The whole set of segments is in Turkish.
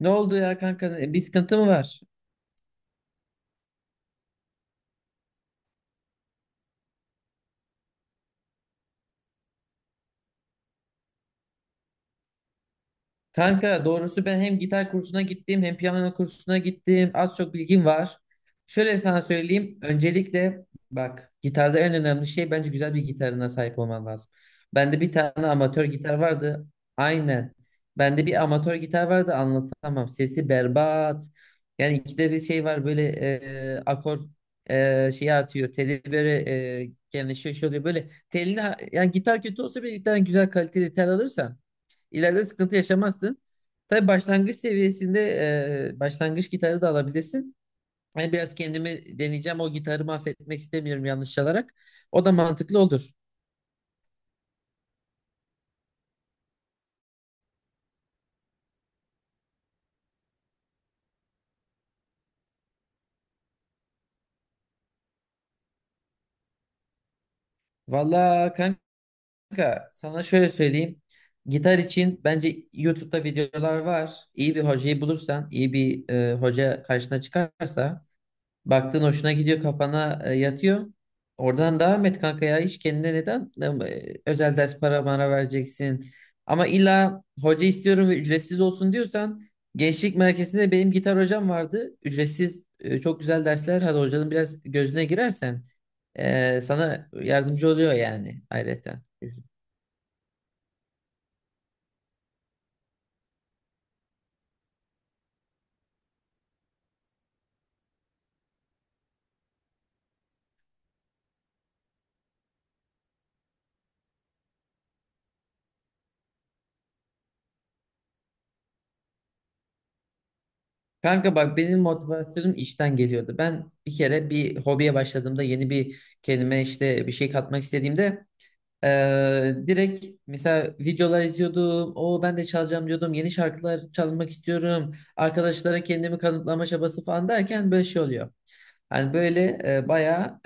Ne oldu ya kanka? Bir sıkıntı mı var? Kanka doğrusu ben hem gitar kursuna gittim hem piyano kursuna gittim. Az çok bilgim var. Şöyle sana söyleyeyim. Öncelikle bak gitarda en önemli şey bence güzel bir gitarına sahip olman lazım. Bende bir tane amatör gitar vardı. Aynen. Bende bir amatör gitar vardı, anlatamam. Sesi berbat. Yani ikide bir şey var, böyle akor şeyi atıyor. Teli böyle genleşiyor, şey oluyor. Böyle telini, yani gitar kötü olsa bile bir tane güzel kaliteli tel alırsan İleride sıkıntı yaşamazsın. Tabii başlangıç seviyesinde başlangıç gitarı da alabilirsin. Ben biraz kendimi deneyeceğim. O gitarı mahvetmek istemiyorum yanlış çalarak. O da mantıklı olur. Valla kanka, sana şöyle söyleyeyim. Gitar için bence YouTube'da videolar var. İyi bir hocayı bulursan, iyi bir hoca karşına çıkarsa, baktın hoşuna gidiyor, kafana yatıyor. Oradan devam et kanka, ya hiç kendine neden özel ders para bana vereceksin. Ama illa hoca istiyorum ve ücretsiz olsun diyorsan, gençlik merkezinde benim gitar hocam vardı. Ücretsiz, çok güzel dersler. Hadi hocanın biraz gözüne girersen sana yardımcı oluyor yani ayrıca. Kanka bak, benim motivasyonum işten geliyordu. Ben bir kere bir hobiye başladığımda, yeni bir kendime işte bir şey katmak istediğimde direkt mesela videolar izliyordum. O ben de çalacağım diyordum. Yeni şarkılar çalmak istiyorum. Arkadaşlara kendimi kanıtlama çabası falan derken böyle şey oluyor. Hani böyle bayağı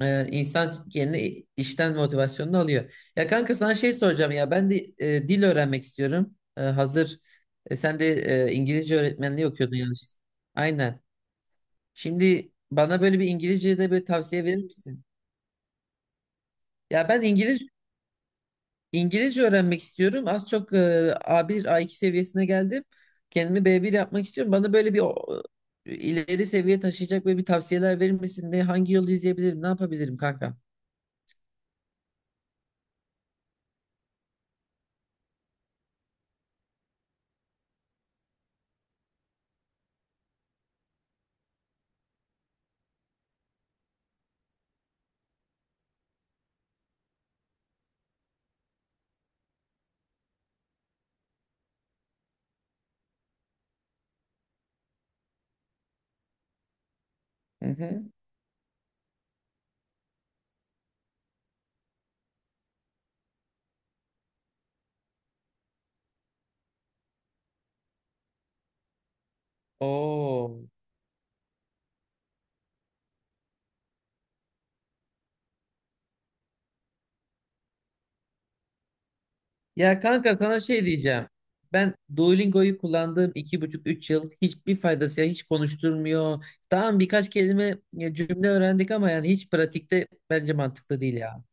insan kendi işten motivasyonunu alıyor. Ya kanka, sana şey soracağım ya, ben de dil öğrenmek istiyorum. Hazır sen de İngilizce öğretmenliği okuyordun yanlış. Aynen. Şimdi bana böyle bir İngilizce de böyle tavsiye verir misin? Ya ben İngilizce öğrenmek istiyorum. Az çok A1, A2 seviyesine geldim. Kendimi B1 yapmak istiyorum. Bana böyle bir ileri seviye taşıyacak böyle bir tavsiyeler verir misin? Ne, hangi yolu izleyebilirim? Ne yapabilirim kanka? Hı hı. Oo. Ya kanka, sana şey diyeceğim. Ben Duolingo'yu kullandığım iki buçuk üç yıl hiçbir faydası, ya hiç konuşturmuyor. Tamam, birkaç kelime ya cümle öğrendik ama yani hiç pratikte bence mantıklı değil ya.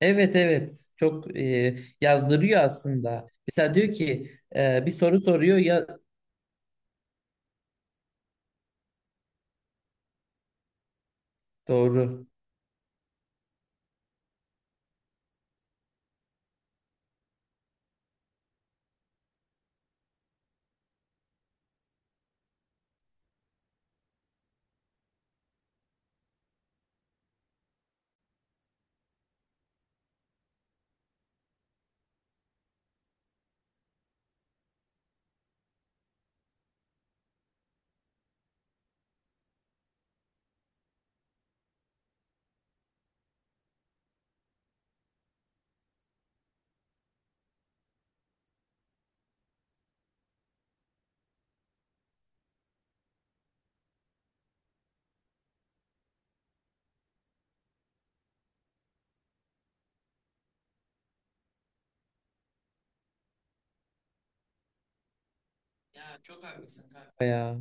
Evet, evet, çok yazdırıyor aslında. Mesela diyor ki bir soru soruyor ya, doğru. Ya çok haklısın kanka ya.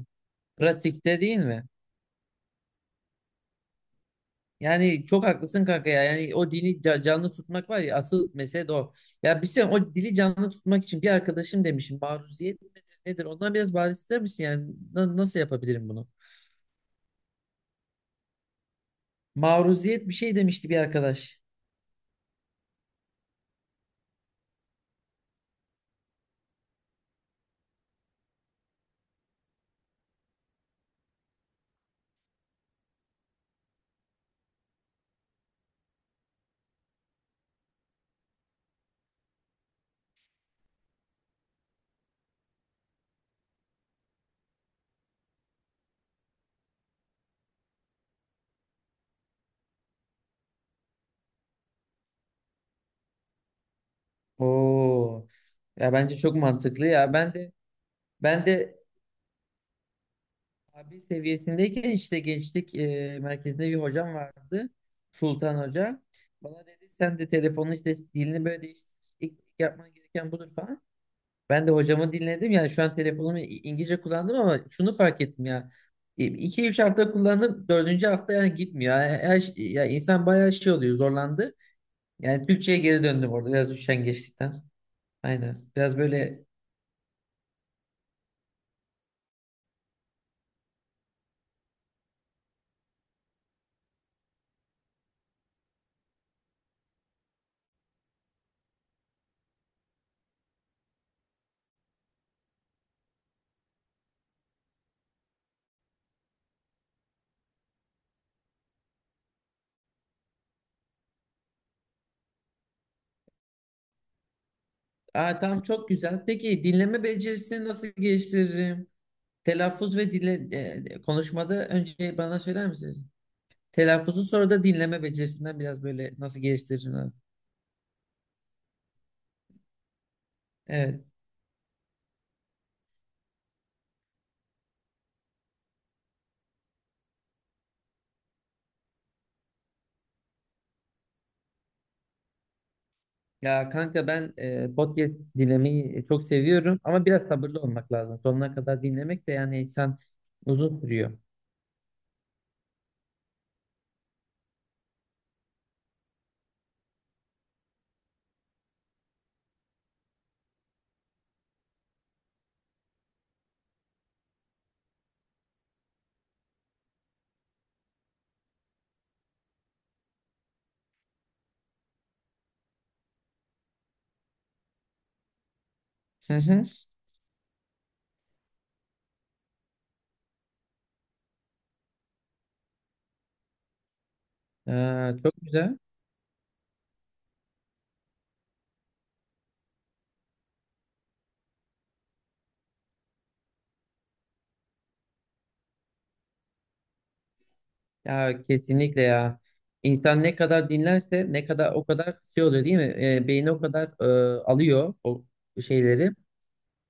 Pratikte değil mi? Yani çok haklısın kanka ya. Yani o dili canlı tutmak var ya, asıl mesele de o. Ya bir şey, o dili canlı tutmak için bir arkadaşım demişim, maruziyet nedir, nedir? Ondan biraz bahseder misin yani? Nasıl yapabilirim bunu? Maruziyet bir şey demişti bir arkadaş. Oo. Ya bence çok mantıklı ya. Ben de abi seviyesindeyken işte gençlik merkezinde bir hocam vardı. Sultan Hoca. Bana dedi sen de telefonun işte dilini böyle değiştir. İlk yapman gereken budur falan. Ben de hocamı dinledim. Yani şu an telefonumu İngilizce kullandım ama şunu fark ettim ya. İki üç hafta kullandım. Dördüncü hafta yani gitmiyor. Yani her, ya insan bayağı şey oluyor, zorlandı. Yani Türkçe'ye geri döndüm orada biraz üşengeçlikten. Aynen. Biraz böyle. Aa, tamam, çok güzel. Peki dinleme becerisini nasıl geliştiririm? Telaffuz ve konuşmada önce bana söyler misiniz? Telaffuzu sonra da dinleme becerisinden biraz böyle nasıl geliştiririm? Evet. Ya kanka, ben podcast dinlemeyi çok seviyorum ama biraz sabırlı olmak lazım. Sonuna kadar dinlemek de, yani insan uzun sürüyor. Hı hı. Aa, çok güzel. Ya kesinlikle ya. İnsan ne kadar dinlerse, ne kadar o kadar şey oluyor değil mi? Beyni o kadar alıyor o şeyleri.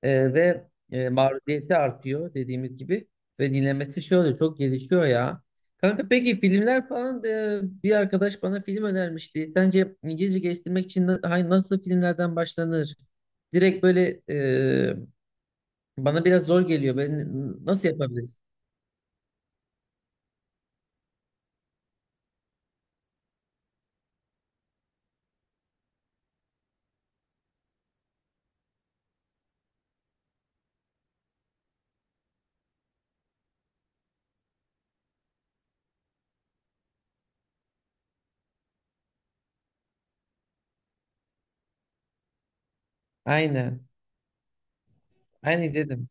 Ve maruziyeti artıyor dediğimiz gibi ve dinlemesi şey oluyor, çok gelişiyor ya. Kanka peki filmler falan, bir arkadaş bana film önermişti. Sence İngilizce geliştirmek için nasıl filmlerden başlanır? Direkt böyle bana biraz zor geliyor. Ben nasıl yapabiliriz? Aynen. Aynen izledim.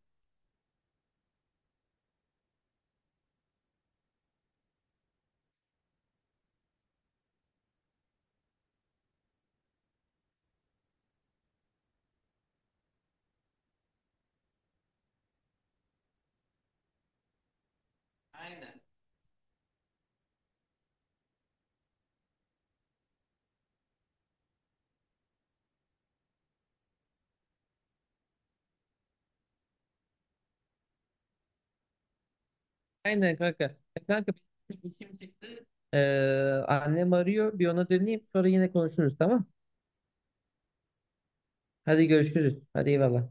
Aynen. Aynen kanka. Kanka, benim işim çıktı. Ee, annem arıyor. Bir ona döneyim, sonra yine konuşuruz, tamam. Hadi görüşürüz. Hadi eyvallah.